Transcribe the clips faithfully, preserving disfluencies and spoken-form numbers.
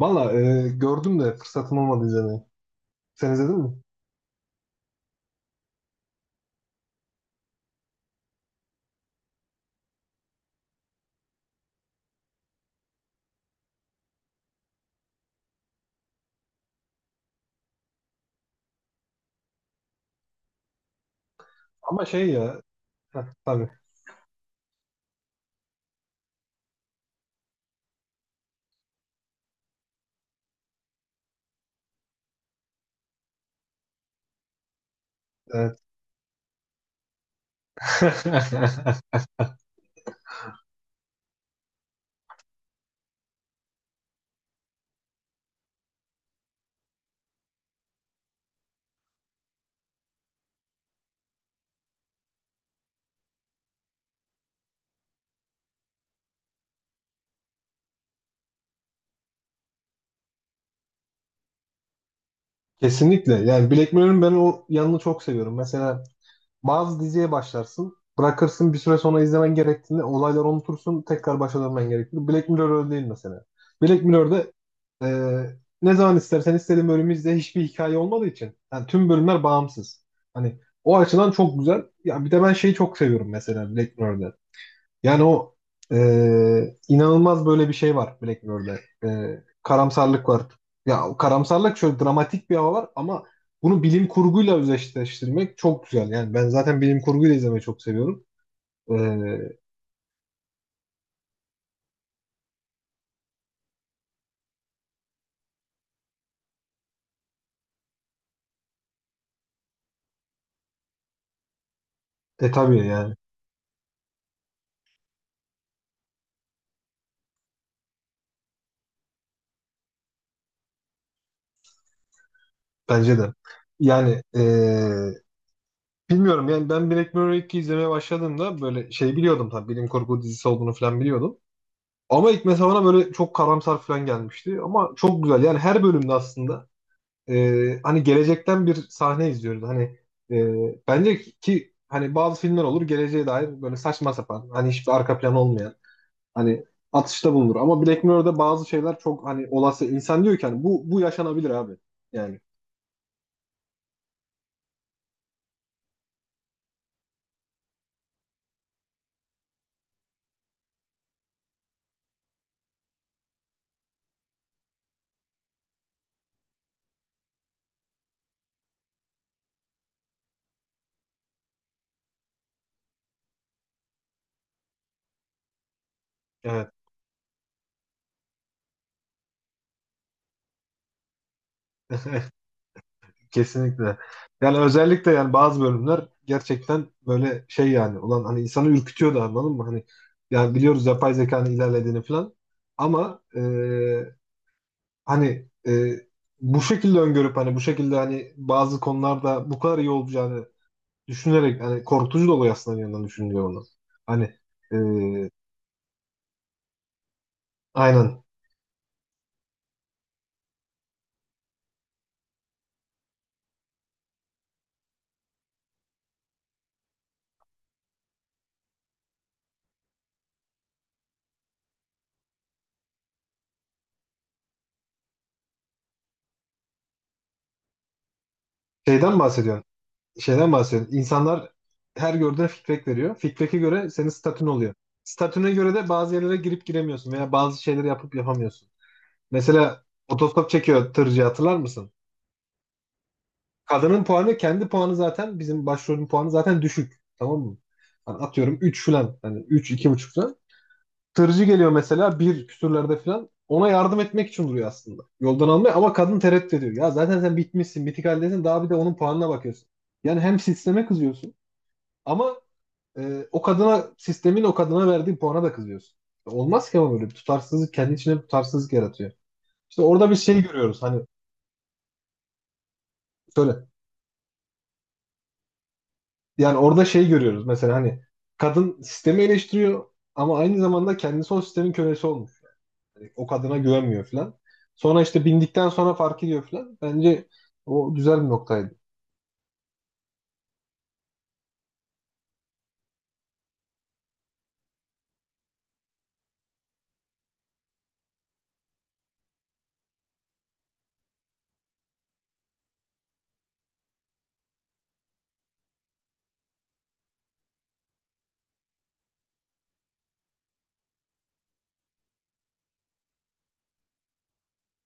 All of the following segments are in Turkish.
Valla e, gördüm de fırsatım olmadı izlemeye. Sen izledin mi? Ama şey ya. Heh, tabii. Evet. Kesinlikle. Yani Black Mirror'ın ben o yanını çok seviyorum. Mesela bazı diziye başlarsın. Bırakırsın bir süre sonra izlemen gerektiğinde olayları unutursun. Tekrar başa dönmen gerekir. Black Mirror öyle değil mesela. Black Mirror'da e, ne zaman istersen istediğin bölümü izle. Hiçbir hikaye olmadığı için. Yani tüm bölümler bağımsız. Hani o açıdan çok güzel. Ya bir de ben şeyi çok seviyorum mesela Black Mirror'da. Yani o e, inanılmaz böyle bir şey var Black Mirror'da. E, karamsarlık var. Ya o karamsarlık şöyle dramatik bir hava var ama bunu bilim kurguyla özdeşleştirmek çok güzel. Yani ben zaten bilim kurguyla izlemeyi çok seviyorum. E, e tabii yani bence de. Yani e, bilmiyorum yani ben Black Mirror iki izlemeye başladığımda böyle şey biliyordum, tabii bilim kurgu dizisi olduğunu falan biliyordum. Ama ilk mesela bana böyle çok karamsar falan gelmişti. Ama çok güzel. Yani her bölümde aslında e, hani gelecekten bir sahne izliyoruz. Hani e, bence ki hani bazı filmler olur geleceğe dair böyle saçma sapan hani hiçbir arka planı olmayan hani atışta bulunur. Ama Black Mirror'da bazı şeyler çok hani olası, insan diyor ki hani bu bu yaşanabilir abi. Yani evet, kesinlikle. Yani özellikle yani bazı bölümler gerçekten böyle şey yani olan, hani insanı ürkütüyor da, anladın mı? Hani yani biliyoruz yapay zekanın ilerlediğini falan ama hani e, bu şekilde öngörüp hani bu şekilde hani bazı konularda bu kadar iyi olacağını düşünerek hani korkutucu da oluyor aslında bir yandan düşününce onu. Hani e, aynen, şeyden bahsediyorsun. Şeyden bahsediyorsun. İnsanlar her gördüğüne feedback veriyor. Feedback'e göre senin statün oluyor. Statüne göre de bazı yerlere girip giremiyorsun veya bazı şeyleri yapıp yapamıyorsun. Mesela otostop çekiyor tırcı, hatırlar mısın? Kadının puanı, kendi puanı zaten, bizim başrolün puanı zaten düşük. Tamam mı? Hani atıyorum üç falan. Hani üç, iki buçuk falan. Tırcı geliyor mesela bir küsürlerde falan. Ona yardım etmek için duruyor aslında. Yoldan almaya, ama kadın tereddüt ediyor. Ya zaten sen bitmişsin, bitik haldesin. Daha bir de onun puanına bakıyorsun. Yani hem sisteme kızıyorsun ama e, o kadına, sistemin o kadına verdiği puana da kızıyorsun. Olmaz ki ama, böyle bir tutarsızlık kendi içine bir tutarsızlık yaratıyor. İşte orada bir şey görüyoruz. Hani şöyle, yani orada şey görüyoruz mesela, hani kadın sistemi eleştiriyor ama aynı zamanda kendisi o sistemin kölesi olmuş. Yani o kadına güvenmiyor falan. Sonra işte bindikten sonra fark ediyor falan. Bence o güzel bir noktaydı.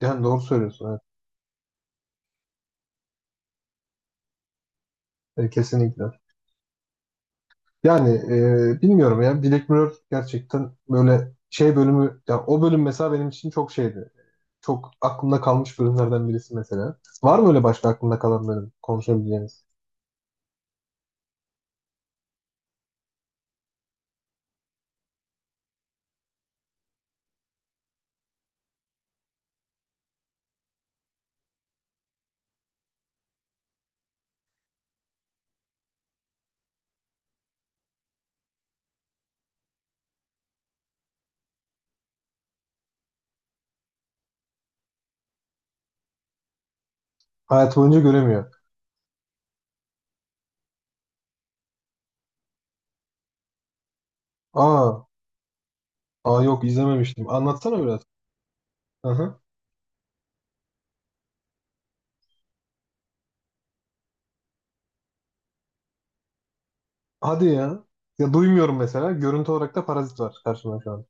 Yani doğru söylüyorsun. Evet. E, kesinlikle. Yani e, bilmiyorum ya, Black Mirror gerçekten böyle şey bölümü, ya o bölüm mesela benim için çok şeydi. Çok aklımda kalmış bölümlerden birisi mesela. Var mı öyle başka aklımda kalan bölüm konuşabileceğiniz? Hayat boyunca göremiyor. Aa, aa yok, izlememiştim. Anlatsana biraz. Aha. Hadi ya. Ya duymuyorum mesela. Görüntü olarak da parazit var karşımda şu an.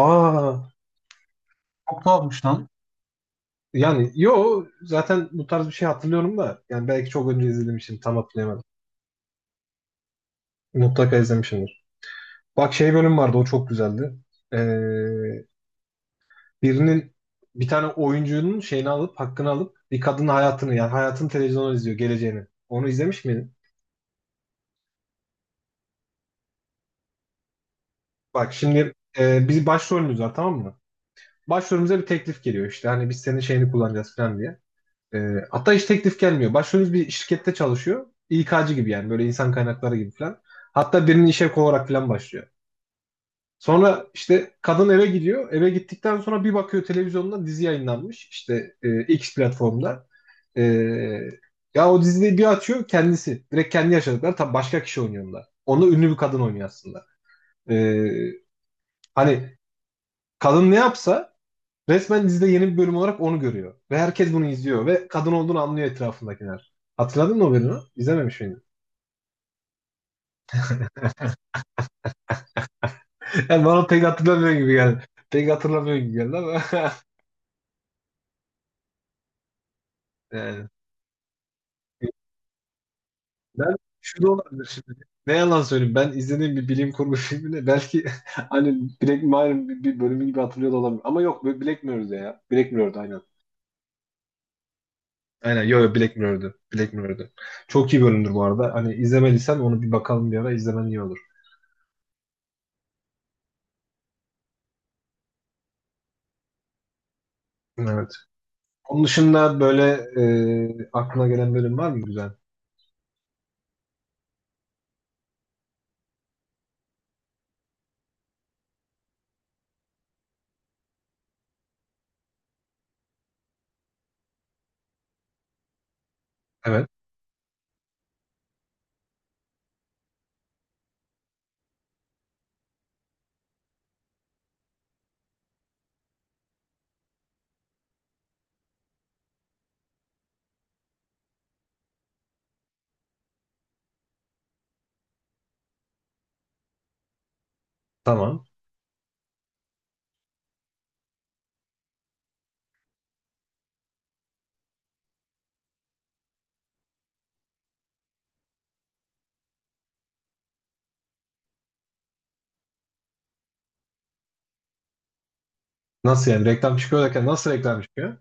Aa. Çok tuhafmış lan. Yani yo, zaten bu tarz bir şey hatırlıyorum da, yani belki çok önce izlemişim, tam hatırlayamadım. Mutlaka izlemişimdir. Bak, şey bölüm vardı, o çok güzeldi. Ee, Birinin, bir tane oyuncunun şeyini alıp, hakkını alıp bir kadının hayatını, yani hayatını televizyonda izliyor geleceğini. Onu izlemiş miydin? Bak şimdi e, biz başrolümüz var, tamam mı? Başrolümüze bir teklif geliyor, işte hani biz senin şeyini kullanacağız falan diye. Ee, hatta hiç teklif gelmiyor. Başvurumuz bir şirkette çalışıyor. İK'cı gibi, yani böyle insan kaynakları gibi falan. Hatta birinin işe olarak falan başlıyor. Sonra işte kadın eve gidiyor. Eve gittikten sonra bir bakıyor, televizyonda dizi yayınlanmış. İşte e, X platformda. E, ya o diziyi bir açıyor kendisi. Direkt kendi yaşadıkları, tabii başka kişi oynuyor onda. Onu ünlü bir kadın oynuyor aslında. E, hani kadın ne yapsa resmen dizide yeni bir bölüm olarak onu görüyor. Ve herkes bunu izliyor. Ve kadın olduğunu anlıyor etrafındakiler. Hatırladın mı o bölümü? İzlememiş miydin? Yani bana pek hatırlamıyor gibi geldi. Pek hatırlamıyor gibi geldi ama. Yani, ben şu da olabilir şimdi. Ne yalan söyleyeyim, ben izlediğim bir bilim kurgu filmini belki hani Black Mirror'ın bir, bir bölümü gibi hatırlıyor da olabilir. Ama yok, Black Mirror'dı ya. Black Mirror'dı aynen. Aynen, yo yo, Black Mirror'dı. Black Mirror'dı. Çok iyi bölümdür bu arada. Hani izlemediysen onu, bir bakalım bir ara, izlemen iyi olur. Evet. Onun dışında böyle e, aklına gelen bölüm var mı güzel? Evet. Tamam. Nasıl yani reklam çıkıyor derken, nasıl reklam çıkıyor?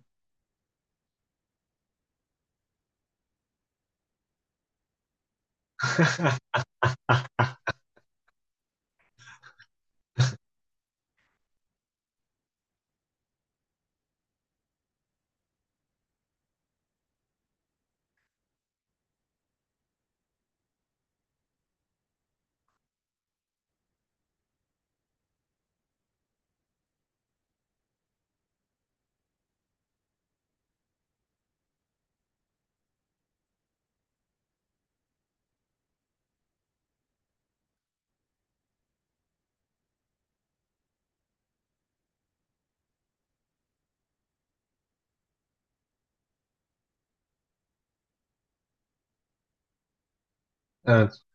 Evet.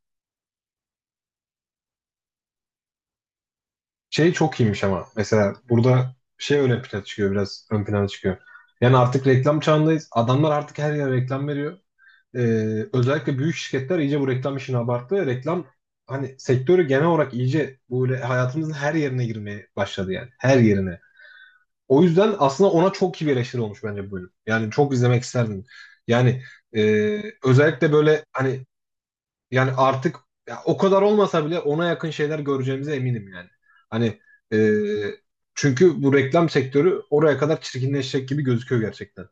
Şey çok iyiymiş ama. Mesela burada şey öne plana çıkıyor biraz. Ön plana çıkıyor. Yani artık reklam çağındayız. Adamlar artık her yere reklam veriyor. E, özellikle büyük şirketler iyice bu reklam işini abarttı. Reklam, hani sektörü genel olarak iyice böyle hayatımızın her yerine girmeye başladı yani. Her yerine. O yüzden aslında ona çok iyi bir eleştiri olmuş bence bu bölüm. Yani çok izlemek isterdim. Yani e, özellikle böyle hani, yani artık, ya o kadar olmasa bile ona yakın şeyler göreceğimize eminim yani. Hani e, çünkü bu reklam sektörü oraya kadar çirkinleşecek gibi gözüküyor gerçekten.